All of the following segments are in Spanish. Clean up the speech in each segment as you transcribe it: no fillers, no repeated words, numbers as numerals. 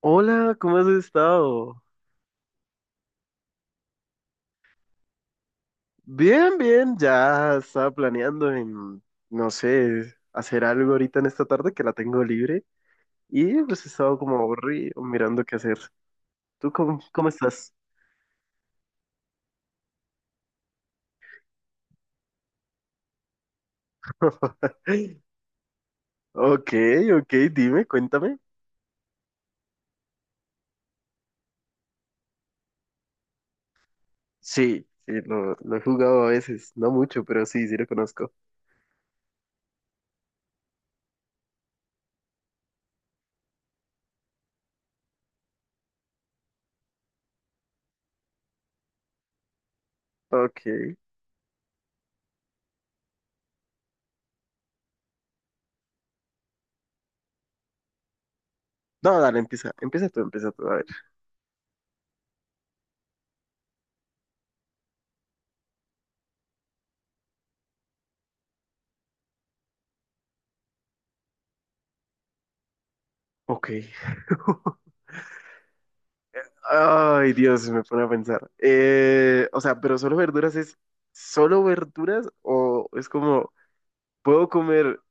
Hola, ¿cómo has estado? Bien, bien, ya estaba planeando en, no sé, hacer algo ahorita en esta tarde que la tengo libre y pues he estado como aburrido mirando qué hacer. ¿Tú cómo estás? Ok, ok, dime, cuéntame. Sí, sí, lo he jugado a veces, no mucho, pero sí, sí lo conozco. Ok. No, dale, empieza, empieza tú, a ver. Ok. Ay, Dios, me pone a pensar. O sea, pero solo verduras es solo verduras o es como, puedo comer,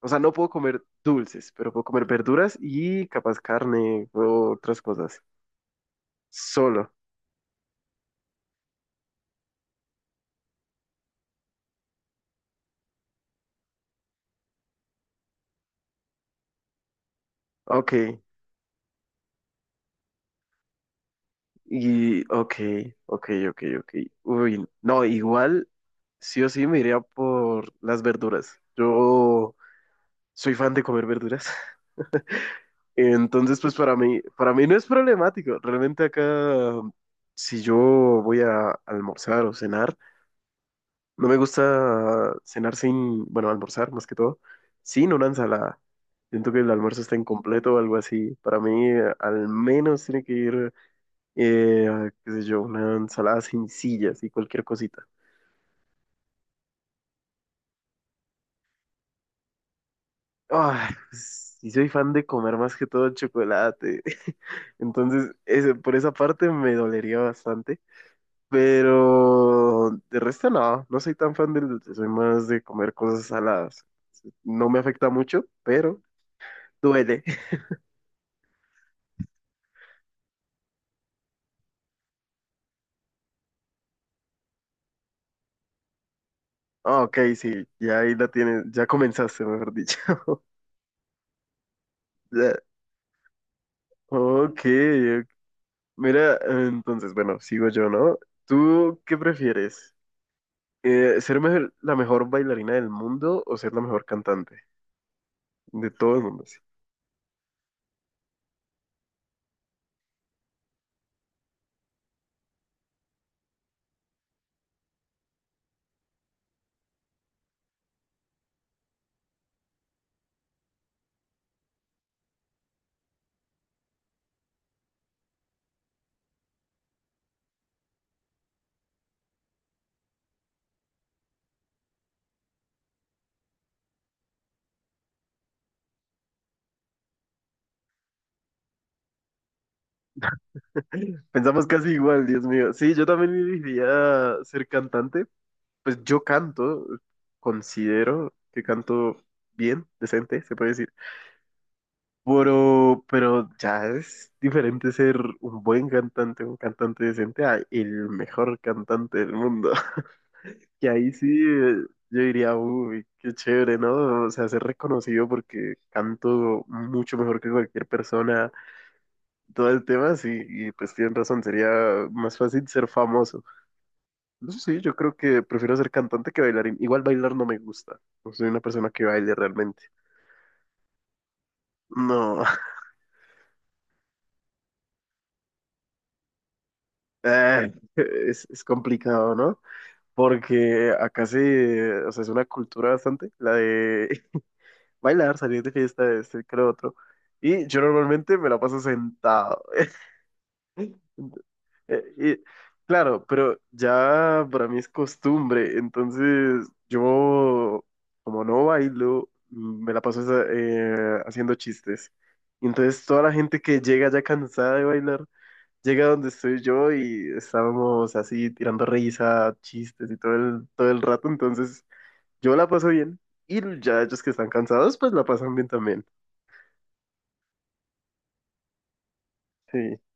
o sea, no puedo comer dulces, pero puedo comer verduras y capaz carne o otras cosas. Solo. Ok. Y, ok, ok, ok, ok. Uy, no, igual, sí o sí me iría por las verduras. Yo soy fan de comer verduras. Entonces, pues para mí no es problemático. Realmente acá, si yo voy a almorzar o cenar, no me gusta cenar sin, bueno, almorzar más que todo, sin una ensalada. Siento que el almuerzo está incompleto o algo así. Para mí, al menos tiene que ir, qué sé yo, una ensalada sencilla, así cualquier cosita. Ay, sí soy fan de comer más que todo chocolate. Entonces, por esa parte me dolería bastante. Pero de resto no, no soy tan fan del dulce, soy más de comer cosas saladas. No me afecta mucho, pero duele. Ah, ok, sí, ya ahí la tienes, ya comenzaste, mejor dicho. Ya. Ok, ok. Mira, entonces, bueno, sigo yo, ¿no? ¿Tú qué prefieres? ¿Ser la mejor bailarina del mundo o ser la mejor cantante? De todo el mundo, sí. Pensamos casi igual, Dios mío. Sí, yo también diría ser cantante. Pues yo canto, considero que canto bien, decente, se puede decir. Pero ya es diferente ser un buen cantante, un cantante decente, a el mejor cantante del mundo. Y ahí sí, yo diría, uy, qué chévere, ¿no? O sea, ser reconocido porque canto mucho mejor que cualquier persona, todo el tema, sí, y pues tienen razón, sería más fácil ser famoso. No sé, sí, yo creo que prefiero ser cantante que bailarín. Igual bailar no me gusta. No soy una persona que baile realmente. No, es complicado, ¿no? Porque acá sí, o sea, es una cultura bastante, la de bailar, salir de fiesta, este, que lo otro. Y yo normalmente me la paso sentado. Eh, y- claro, pero ya para mí es costumbre, entonces yo, como no bailo, me la paso haciendo chistes. Y entonces toda la gente que llega ya cansada de bailar, llega donde estoy yo y estábamos así tirando risa, chistes y todo el rato, entonces yo la paso bien y ya ellos que están cansados, pues la pasan bien también. Sí.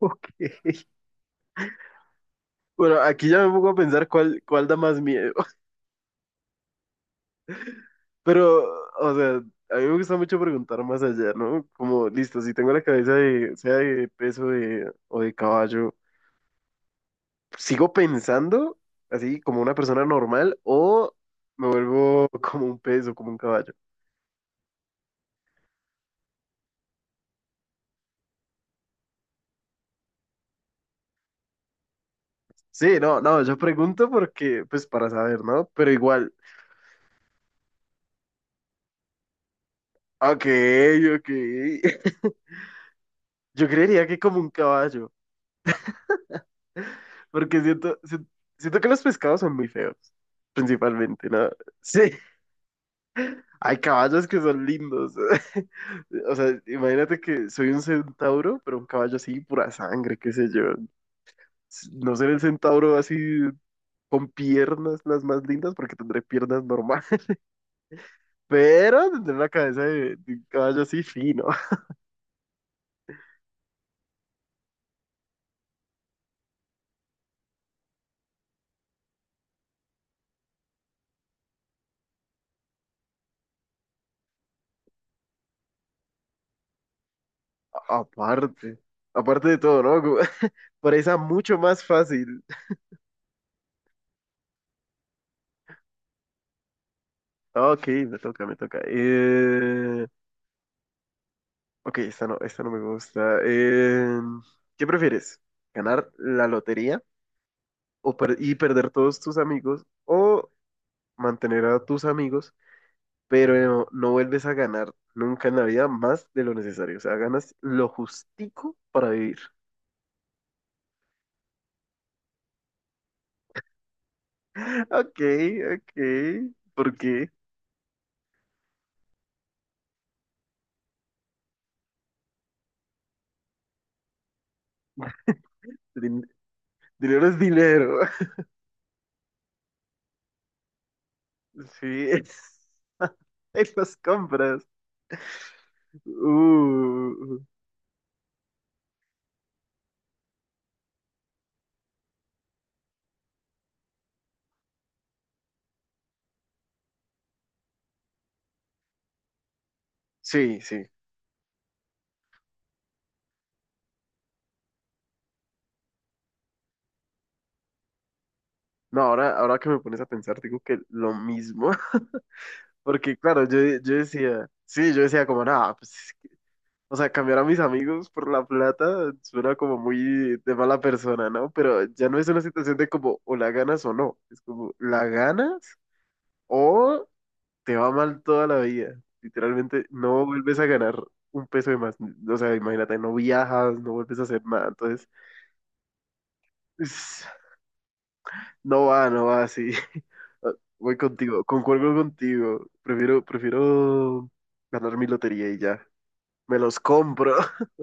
Ok. Bueno, aquí ya me pongo a pensar cuál da más miedo. Pero, o sea, a mí me gusta mucho preguntar más allá, ¿no? Como, listo, si tengo la cabeza de, sea de peso de, o de caballo, ¿sigo pensando así como una persona normal o me vuelvo como un peso, como un caballo? Sí, no, no, yo pregunto porque, pues para saber, ¿no? Pero igual, ok, ok. Yo creería que como un caballo, porque siento, siento que los pescados son muy feos, principalmente, ¿no? Sí. Hay caballos que son lindos. O sea, imagínate que soy un centauro, pero un caballo así, pura sangre, qué sé yo. No ser el centauro así con piernas las más lindas, porque tendré piernas normales, pero tendré una cabeza de un caballo así fino. Aparte, aparte de todo, ¿no? Presa mucho más fácil. Ok, me toca, me toca. Ok, esta no me gusta. ¿Qué prefieres? ¿Ganar la lotería? O y perder todos tus amigos o mantener a tus amigos, pero no vuelves a ganar nunca en la vida más de lo necesario. O sea, ganas lo justico para vivir. Ok, ok. ¿Por qué? Din- dinero es dinero. Sí. En las compras. Uh. Sí, sí. No, ahora, ahora que me pones a pensar, digo que lo mismo. Porque claro, yo decía, sí, yo decía como, nada, pues. O sea, cambiar a mis amigos por la plata suena como muy de mala persona, ¿no? Pero ya no es una situación de como o la ganas o no. Es como la ganas o te va mal toda la vida. Literalmente no vuelves a ganar un peso de más. O sea, imagínate, no viajas, no vuelves a hacer nada. Entonces, es- no va, no va así. Voy contigo, concuerdo contigo. Prefiero, prefiero ganar mi lotería y ya. Me los compro.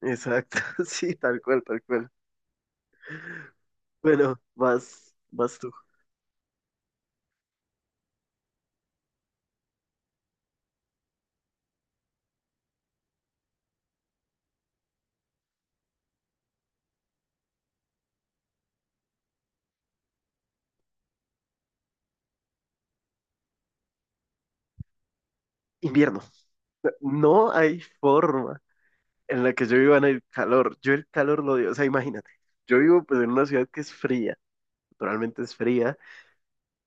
Exacto, sí, tal cual, tal cual. Bueno, vas, vas tú. Invierno. No hay forma en la que yo viva en el calor. Yo el calor lo odio. O sea, imagínate. Yo vivo pues en una ciudad que es fría. Naturalmente es fría.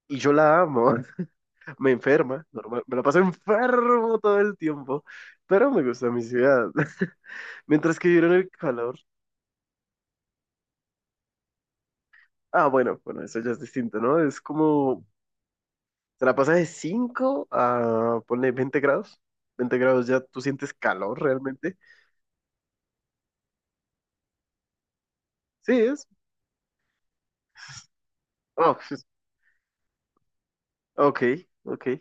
Y yo la amo. Me enferma. Normal. Me la paso enfermo todo el tiempo. Pero me gusta mi ciudad. Mientras que vivir en el calor. Ah, bueno, bueno, eso ya es distinto, ¿no? Es como. Te la pasas de 5 a, ponle 20 grados. 20 grados ya tú sientes calor realmente. Sí, es. Oh, Ok, ok.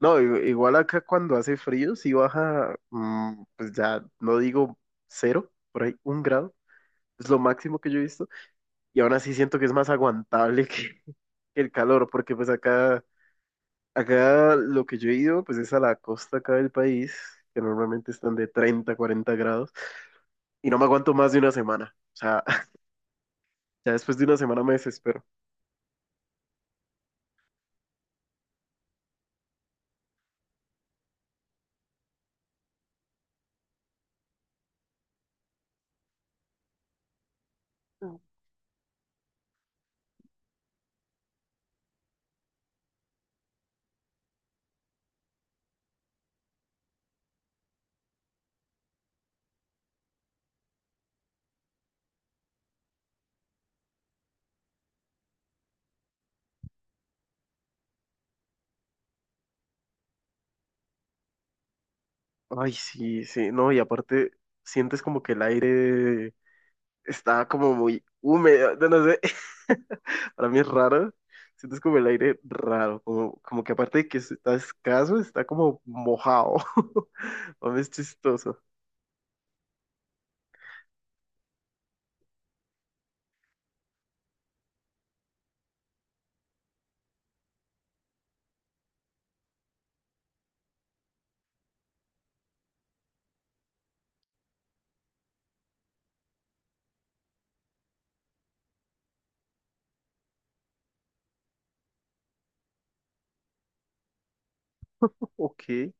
No, igual acá cuando hace frío, si baja, pues ya no digo 0, por ahí 1 grado, es lo máximo que yo he visto, y aún así siento que es más aguantable que el calor, porque pues acá, acá lo que yo he ido, pues es a la costa acá del país, que normalmente están de 30, 40 grados, y no me aguanto más de una semana, o sea, ya después de una semana me desespero. Ay, sí, sí, no, y aparte sientes como que el aire estaba como muy húmedo, no, no sé. Para mí es raro. Sientes como el aire raro, como que aparte de que está escaso, está como mojado. A mí es chistoso. Ok. Ay,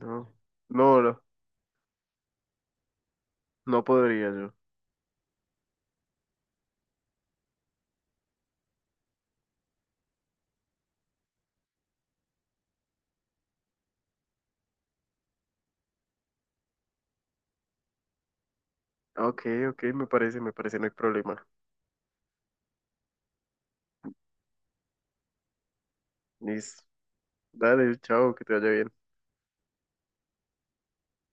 no. No, no. No podría yo. Ok, ok, me parece, no hay problema. Listo. Dale, chao, que te vaya bien.